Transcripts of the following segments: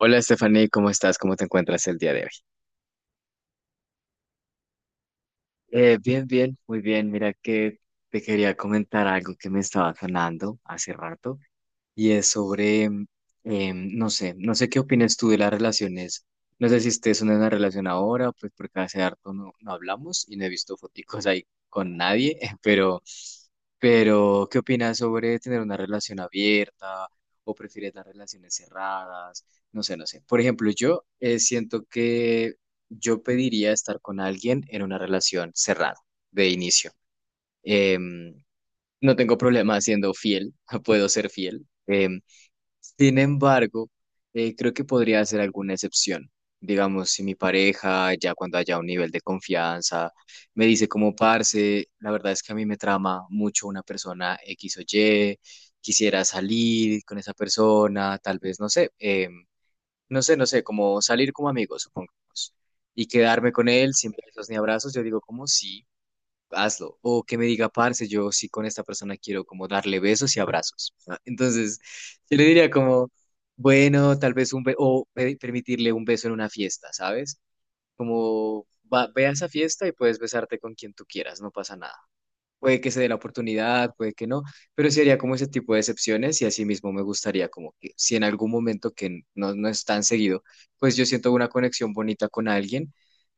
Hola Stephanie, ¿cómo estás? ¿Cómo te encuentras el día de hoy? Bien, bien, muy bien. Mira que te quería comentar algo que me estaba sonando hace rato y es sobre, no sé, no sé qué opinas tú de las relaciones. No sé si estés en una relación ahora, pues porque hace harto no hablamos y no he visto foticos ahí con nadie, pero ¿qué opinas sobre tener una relación abierta o prefieres las relaciones cerradas? No sé, no sé. Por ejemplo, yo siento que yo pediría estar con alguien en una relación cerrada de inicio. Em, no tengo problema siendo fiel, puedo ser fiel. Sin embargo, creo que podría ser alguna excepción. Digamos, si mi pareja, ya cuando haya un nivel de confianza, me dice como parce, la verdad es que a mí me trama mucho una persona X o Y, quisiera salir con esa persona, tal vez, no sé, no sé, no sé, como salir como amigos, supongamos, y quedarme con él sin besos ni abrazos, yo digo como sí, hazlo. O que me diga, parce, yo sí con esta persona quiero como darle besos y abrazos, ¿no? Entonces, yo le diría como, bueno, tal vez un beso, o permitirle un beso en una fiesta, ¿sabes? Como, va, ve a esa fiesta y puedes besarte con quien tú quieras, no pasa nada, puede que se dé la oportunidad, puede que no, pero sí haría como ese tipo de excepciones y así mismo me gustaría como que si en algún momento que no es tan seguido, pues yo siento una conexión bonita con alguien,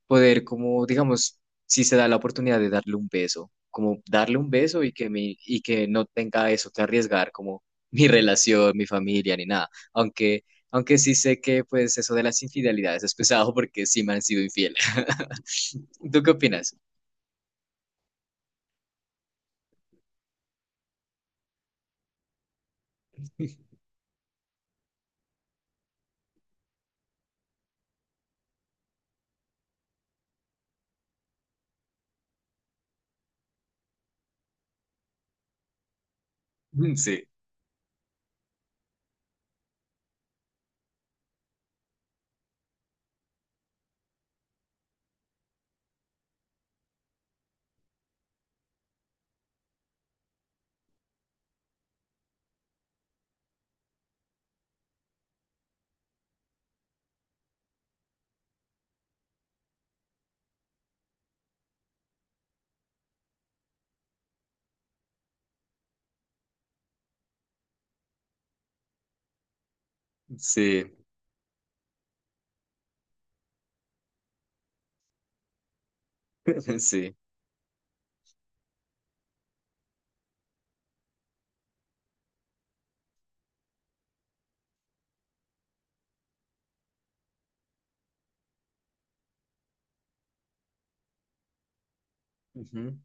poder como, digamos, si se da la oportunidad de darle un beso, como darle un beso y y que no tenga eso que arriesgar como mi relación, mi familia, ni nada, aunque... Aunque sí sé que pues eso de las infidelidades es pesado porque sí me han sido infiel. ¿Tú qué opinas? Sí, sí. Sí. Ujú.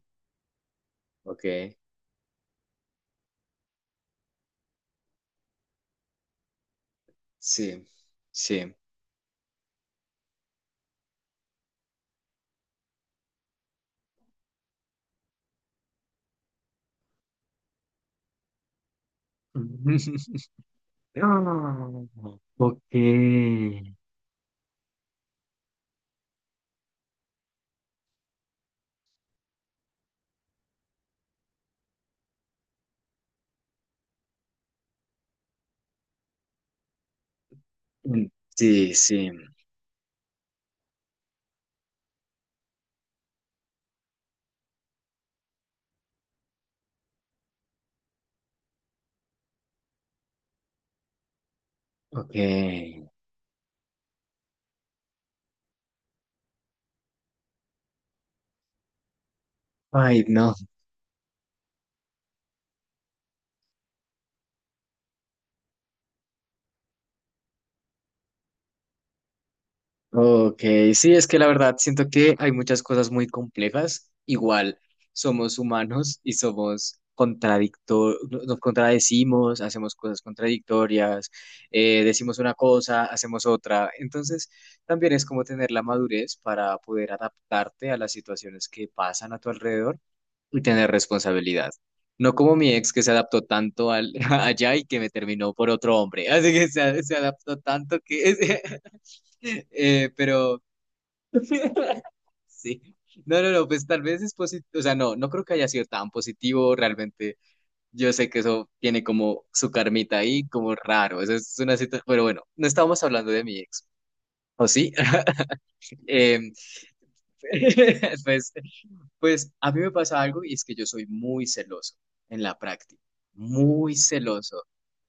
Ok. Sí. Sí. Ok. Sí, sí. Ok. Ay, no. Ok, sí, es que la verdad siento que hay muchas cosas muy complejas. Igual somos humanos y somos contradictor, nos contradecimos, hacemos cosas contradictorias, decimos una cosa, hacemos otra. Entonces, también es como tener la madurez para poder adaptarte a las situaciones que pasan a tu alrededor y tener responsabilidad. No como mi ex que se adaptó tanto al, allá y que me terminó por otro hombre. Así que se adaptó tanto que... pero Sí. No, no, no, pues tal vez es positivo, o sea, no creo que haya sido tan positivo, realmente yo sé que eso tiene como su carmita ahí, como raro, eso es una situación, pero bueno, no estábamos hablando de mi ex, ¿o sí? Em, pues, pues a mí me pasa algo y es que yo soy muy celoso en la práctica, muy celoso,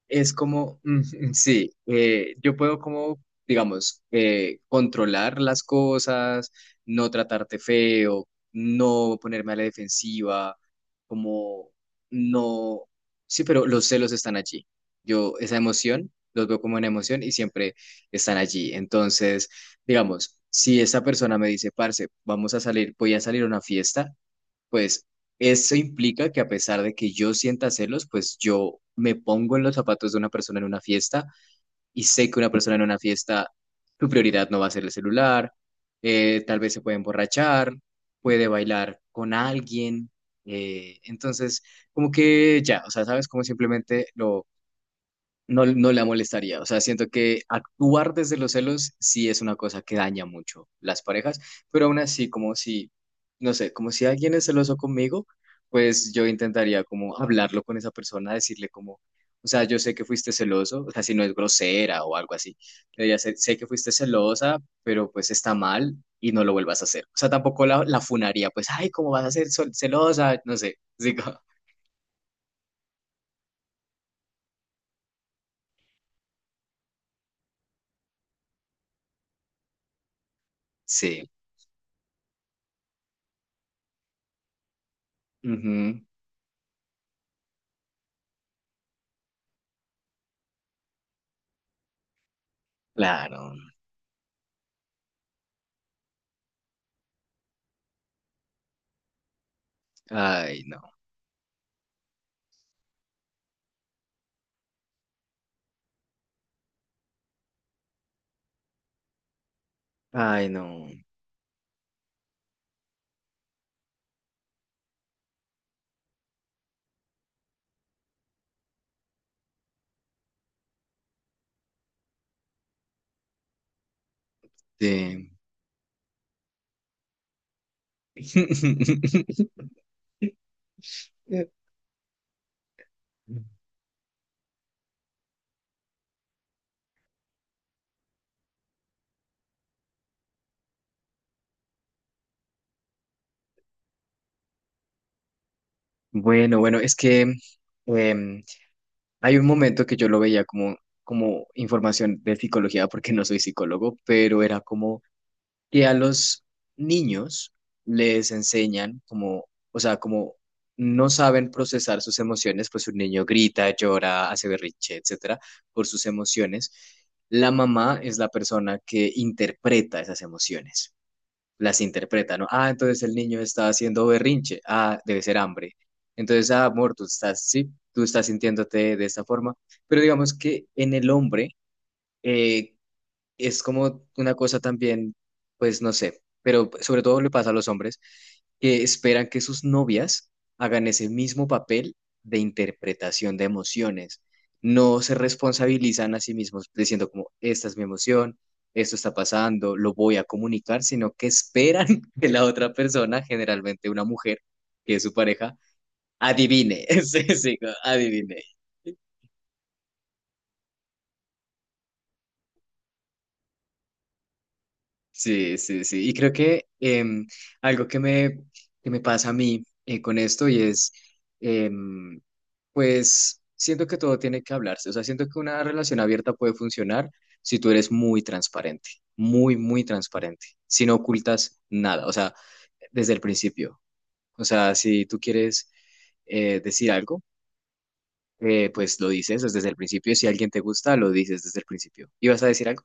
es como, sí, yo puedo como, digamos, controlar las cosas, no tratarte feo, no ponerme a la defensiva, como no, sí, pero los celos están allí. Yo esa emoción, los veo como una emoción y siempre están allí. Entonces, digamos, si esa persona me dice, parce, vamos a salir, voy a salir a una fiesta, pues eso implica que a pesar de que yo sienta celos, pues yo me pongo en los zapatos de una persona en una fiesta y sé que una persona en una fiesta, su prioridad no va a ser el celular, tal vez se puede emborrachar, puede bailar con alguien, entonces como que ya, o sea, sabes, como simplemente lo no, no la molestaría. O sea, siento que actuar desde los celos sí es una cosa que daña mucho las parejas, pero aún así, como si, no sé, como si alguien es celoso conmigo, pues yo intentaría como hablarlo con esa persona, decirle como, o sea, yo sé que fuiste celoso, o sea, si no es grosera o algo así, le diría, sé que fuiste celosa, pero pues está mal y no lo vuelvas a hacer. O sea, tampoco la funaría, pues, ay, ¿cómo vas a ser celosa? No sé, digo, sí, ujú, claro, ay, no. Ay, no. Sí. Bueno, bueno, es que em, hay un momento que yo lo veía como, como información de psicología, porque no soy psicólogo, pero era como que a los niños les enseñan como, o sea, como no saben procesar sus emociones, pues un niño grita, llora, hace berrinche, etcétera, por sus emociones. La mamá es la persona que interpreta esas emociones. Las interpreta, ¿no? Ah, entonces el niño está haciendo berrinche, ah, debe ser hambre. Entonces, ah, amor, tú estás, sí, tú estás sintiéndote de esta forma, pero digamos que en el hombre eh, es como una cosa también, pues no sé, pero sobre todo le pasa a los hombres que esperan que sus novias hagan ese mismo papel de interpretación de emociones. No se responsabilizan a sí mismos diciendo como, esta es mi emoción, esto está pasando, lo voy a comunicar, sino que esperan que la otra persona, generalmente una mujer, que es su pareja, adivine, sí, sí, adivine. Sí, sí, sí. Y creo que algo que que me pasa a mí con esto y es, em, pues, siento que todo tiene que hablarse. O sea, siento que una relación abierta puede funcionar si tú eres muy transparente, muy transparente, si no ocultas nada, o sea, desde el principio. O sea, si tú quieres decir algo, pues lo dices desde el principio. Si alguien te gusta, lo dices desde el principio. ¿Ibas a decir algo?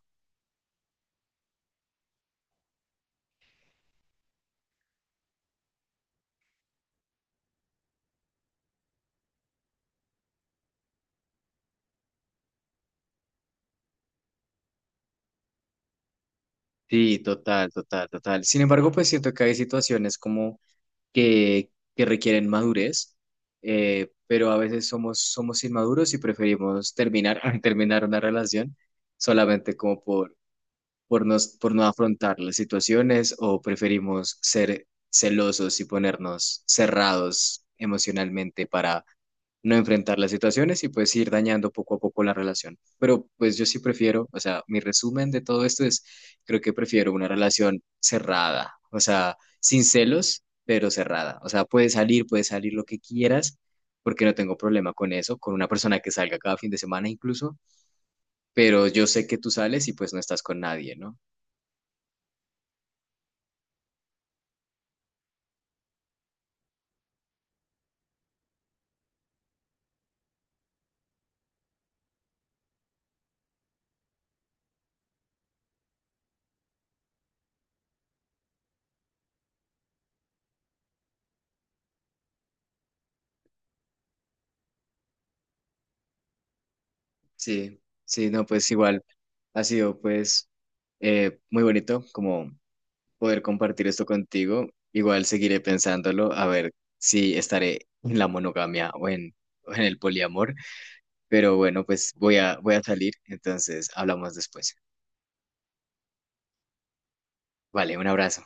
Sí, total, total, total. Sin embargo, pues siento que hay situaciones como que, que requieren madurez, pero a veces somos, somos inmaduros y preferimos terminar, terminar una relación solamente como por, por no afrontar las situaciones o preferimos ser celosos y ponernos cerrados emocionalmente, no enfrentar las situaciones y pues ir dañando poco a poco la relación. Pero pues yo sí prefiero, o sea, mi resumen de todo esto es, creo que prefiero una relación cerrada, o sea, sin celos, pero cerrada. O sea, puedes salir lo que quieras, porque no tengo problema con eso, con una persona que salga cada fin de semana incluso, pero yo sé que tú sales y pues no estás con nadie, ¿no? Sí, sí, no, pues igual ha sido pues muy bonito como poder compartir esto contigo. Igual seguiré pensándolo, a ver si estaré en la monogamia o en el poliamor. Pero bueno, pues voy a salir, entonces hablamos después. Vale, un abrazo.